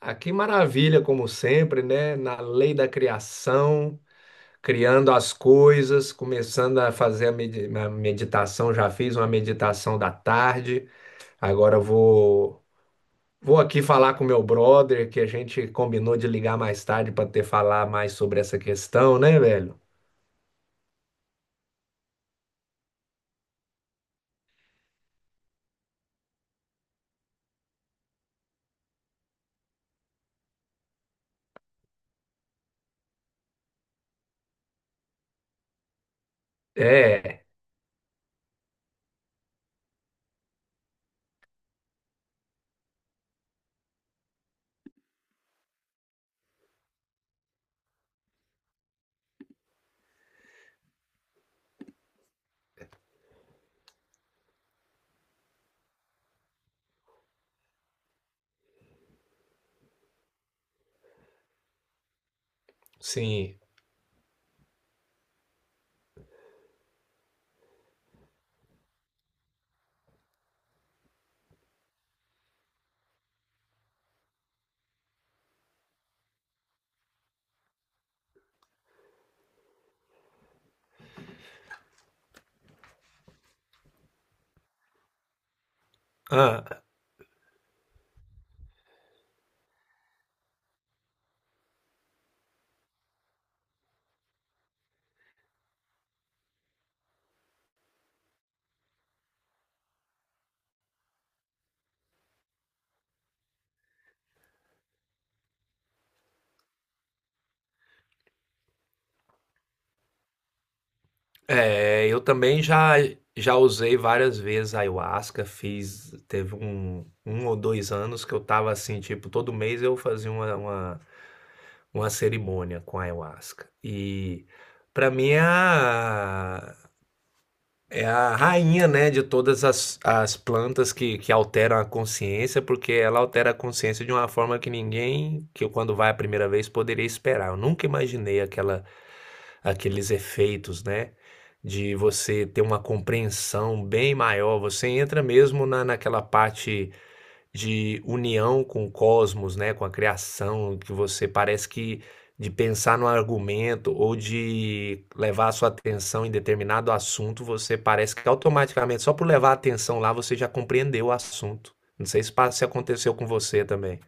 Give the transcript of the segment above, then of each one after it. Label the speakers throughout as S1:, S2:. S1: Ah, que maravilha, como sempre, né? Na lei da criação, criando as coisas, começando a fazer a meditação. Já fiz uma meditação da tarde. Agora eu vou aqui falar com meu brother, que a gente combinou de ligar mais tarde para ter falar mais sobre essa questão, né, velho? É, sim. Ah. É, eu também já usei várias vezes a ayahuasca, fiz teve um ou 2 anos que eu tava assim, tipo, todo mês eu fazia uma cerimônia com a ayahuasca. E pra mim é a é a rainha, né, de todas as plantas que alteram a consciência, porque ela altera a consciência de uma forma que ninguém que eu quando vai a primeira vez poderia esperar. Eu nunca imaginei aquela Aqueles efeitos, né, de você ter uma compreensão bem maior, você entra mesmo na naquela parte de união com o cosmos, né, com a criação, que você parece que de pensar no argumento ou de levar a sua atenção em determinado assunto, você parece que automaticamente, só por levar a atenção lá, você já compreendeu o assunto. Não sei se se aconteceu com você também.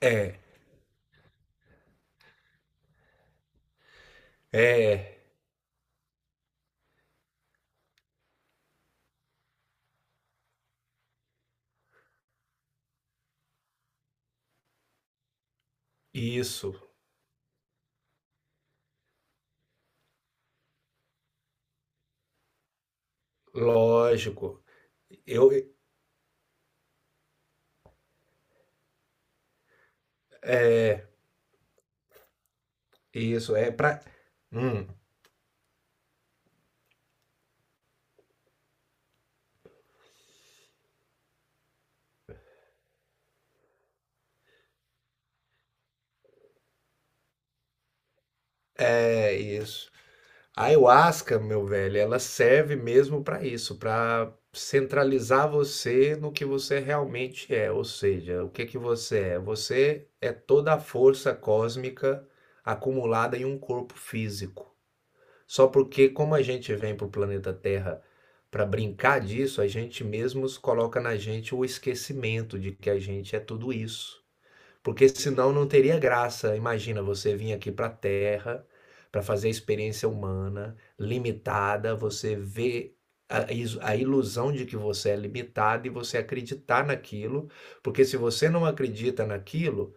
S1: É, é, isso, lógico. Eu, Isso, é pra. Hum, é isso. A ayahuasca, meu velho, ela serve mesmo para isso, para centralizar você no que você realmente é, ou seja, o que que você é? Você é toda a força cósmica acumulada em um corpo físico. Só porque como a gente vem para o planeta Terra para brincar disso, a gente mesmos coloca na gente o esquecimento de que a gente é tudo isso. Porque senão não teria graça. Imagina você vir aqui para a Terra para fazer a experiência humana limitada, você vê a ilusão de que você é limitado e você acreditar naquilo, porque se você não acredita naquilo,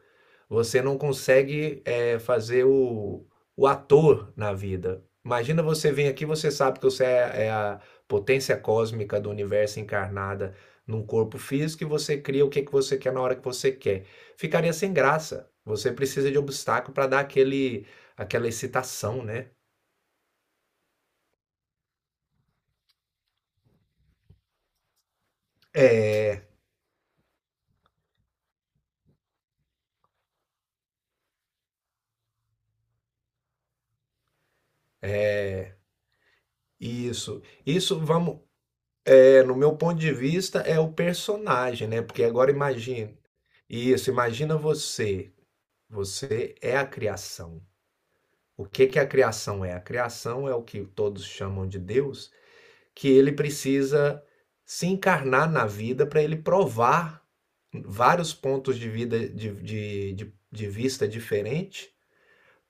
S1: você não consegue fazer o ator na vida. Imagina você vir aqui, você sabe que você é, é a potência cósmica do universo encarnada num corpo físico e você cria o que que você quer na hora que você quer. Ficaria sem graça. Você precisa de obstáculo para dar aquele, aquela excitação, né? Isso. É, no meu ponto de vista, é o personagem, né? Porque agora imagina. Isso, imagina você. Você é a criação. O que que a criação é? A criação é o que todos chamam de Deus, que ele precisa se encarnar na vida para ele provar vários pontos de vida de vista diferente,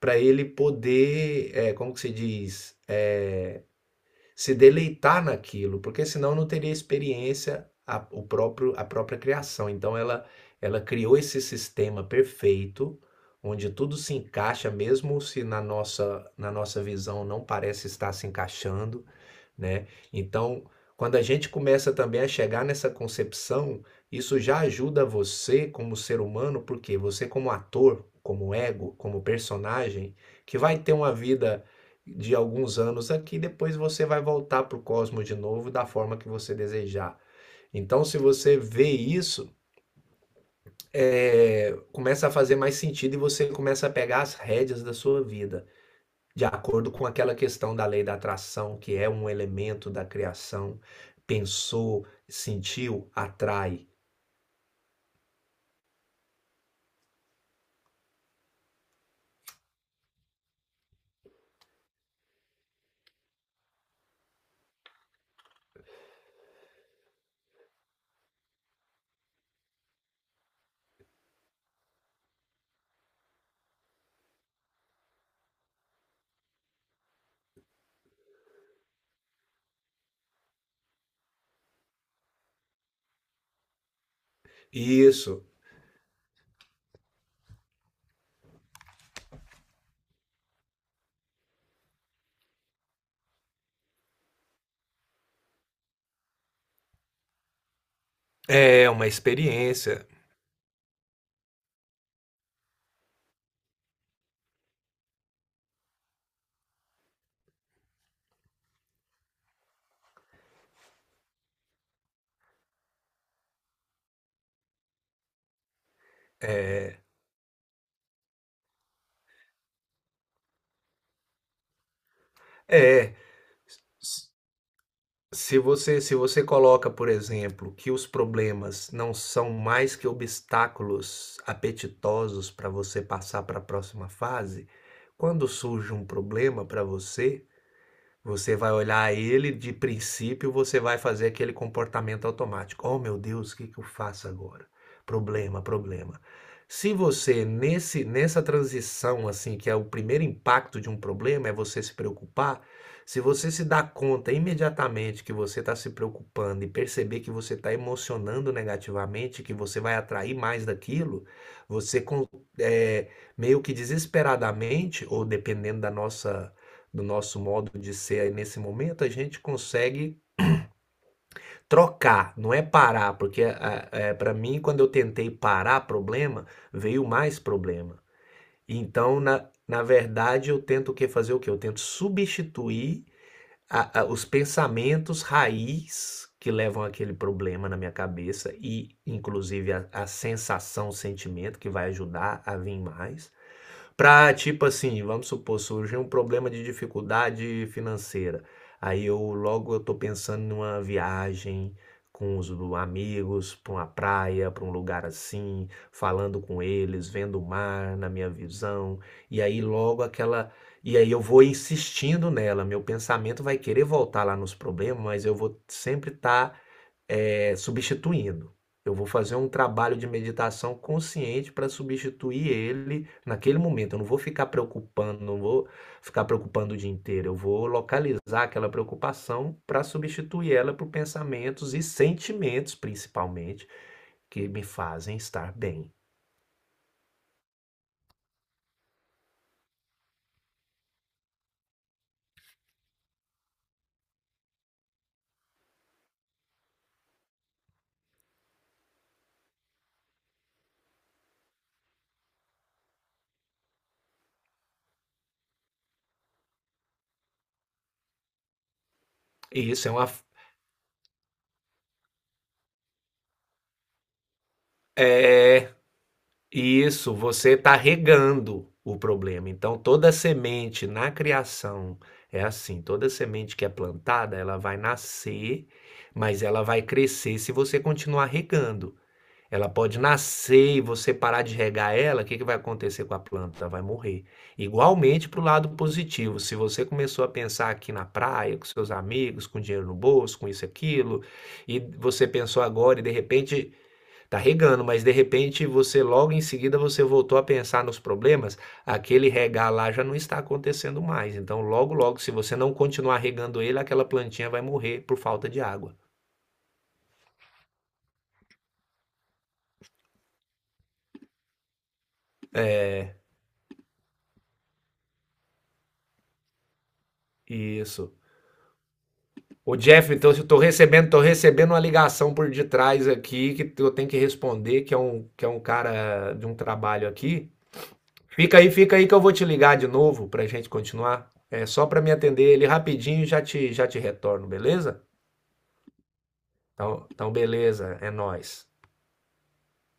S1: para ele poder, é, como que se diz, é, se deleitar naquilo, porque senão não teria experiência a, o próprio, a própria criação. Ela criou esse sistema perfeito, onde tudo se encaixa, mesmo se na nossa visão não parece estar se encaixando, né? Então, quando a gente começa também a chegar nessa concepção, isso já ajuda você como ser humano, porque você como ator, como ego, como personagem, que vai ter uma vida de alguns anos aqui, depois você vai voltar para o cosmos de novo da forma que você desejar. Então, se você vê isso, é, começa a fazer mais sentido e você começa a pegar as rédeas da sua vida de acordo com aquela questão da lei da atração, que é um elemento da criação, pensou, sentiu, atrai. Isso é uma experiência. É, se você coloca, por exemplo, que os problemas não são mais que obstáculos apetitosos para você passar para a próxima fase, quando surge um problema para você, você vai olhar ele, de princípio, você vai fazer aquele comportamento automático. Oh, meu Deus, o que que eu faço agora? Problema, problema. Se você, nessa transição, assim, que é o primeiro impacto de um problema, é você se preocupar, se você se dá conta imediatamente que você está se preocupando e perceber que você está emocionando negativamente, que você vai atrair mais daquilo, você é, meio que desesperadamente, ou dependendo da nossa do nosso modo de ser aí nesse momento, a gente consegue trocar, não é parar, porque é, para mim, quando eu tentei parar problema, veio mais problema. Então, na verdade, eu tento o que fazer o que? Eu tento substituir os pensamentos raiz que levam aquele problema na minha cabeça e, inclusive, a sensação, o sentimento que vai ajudar a vir mais para tipo assim, vamos supor, surgiu um problema de dificuldade financeira. Aí eu logo eu tô pensando numa viagem com amigos, para uma praia, para um lugar assim, falando com eles, vendo o mar na minha visão. E aí logo aquela. E aí eu vou insistindo nela, meu pensamento vai querer voltar lá nos problemas, mas eu vou sempre estar substituindo. Eu vou fazer um trabalho de meditação consciente para substituir ele naquele momento. Eu não vou ficar preocupando, não vou ficar preocupando o dia inteiro. Eu vou localizar aquela preocupação para substituir ela por pensamentos e sentimentos, principalmente, que me fazem estar bem. E isso é uma, é, Isso, você está regando o problema. Então, toda semente na criação é assim: toda semente que é plantada, ela vai nascer, mas ela vai crescer se você continuar regando. Ela pode nascer e você parar de regar ela, o que que vai acontecer com a planta? Ela vai morrer. Igualmente para o lado positivo, se você começou a pensar aqui na praia, com seus amigos, com dinheiro no bolso, com isso e aquilo, e você pensou agora e de repente tá regando, mas de repente você logo em seguida você voltou a pensar nos problemas, aquele regar lá já não está acontecendo mais. Então logo logo se você não continuar regando ele, aquela plantinha vai morrer por falta de água. É, isso. O Jeff, então tô recebendo uma ligação por detrás aqui que eu tenho que responder, que é que é um cara de um trabalho aqui. Fica aí que eu vou te ligar de novo pra gente continuar. É só para me atender ele rapidinho, e já te retorno, beleza? Então, então beleza, é nós.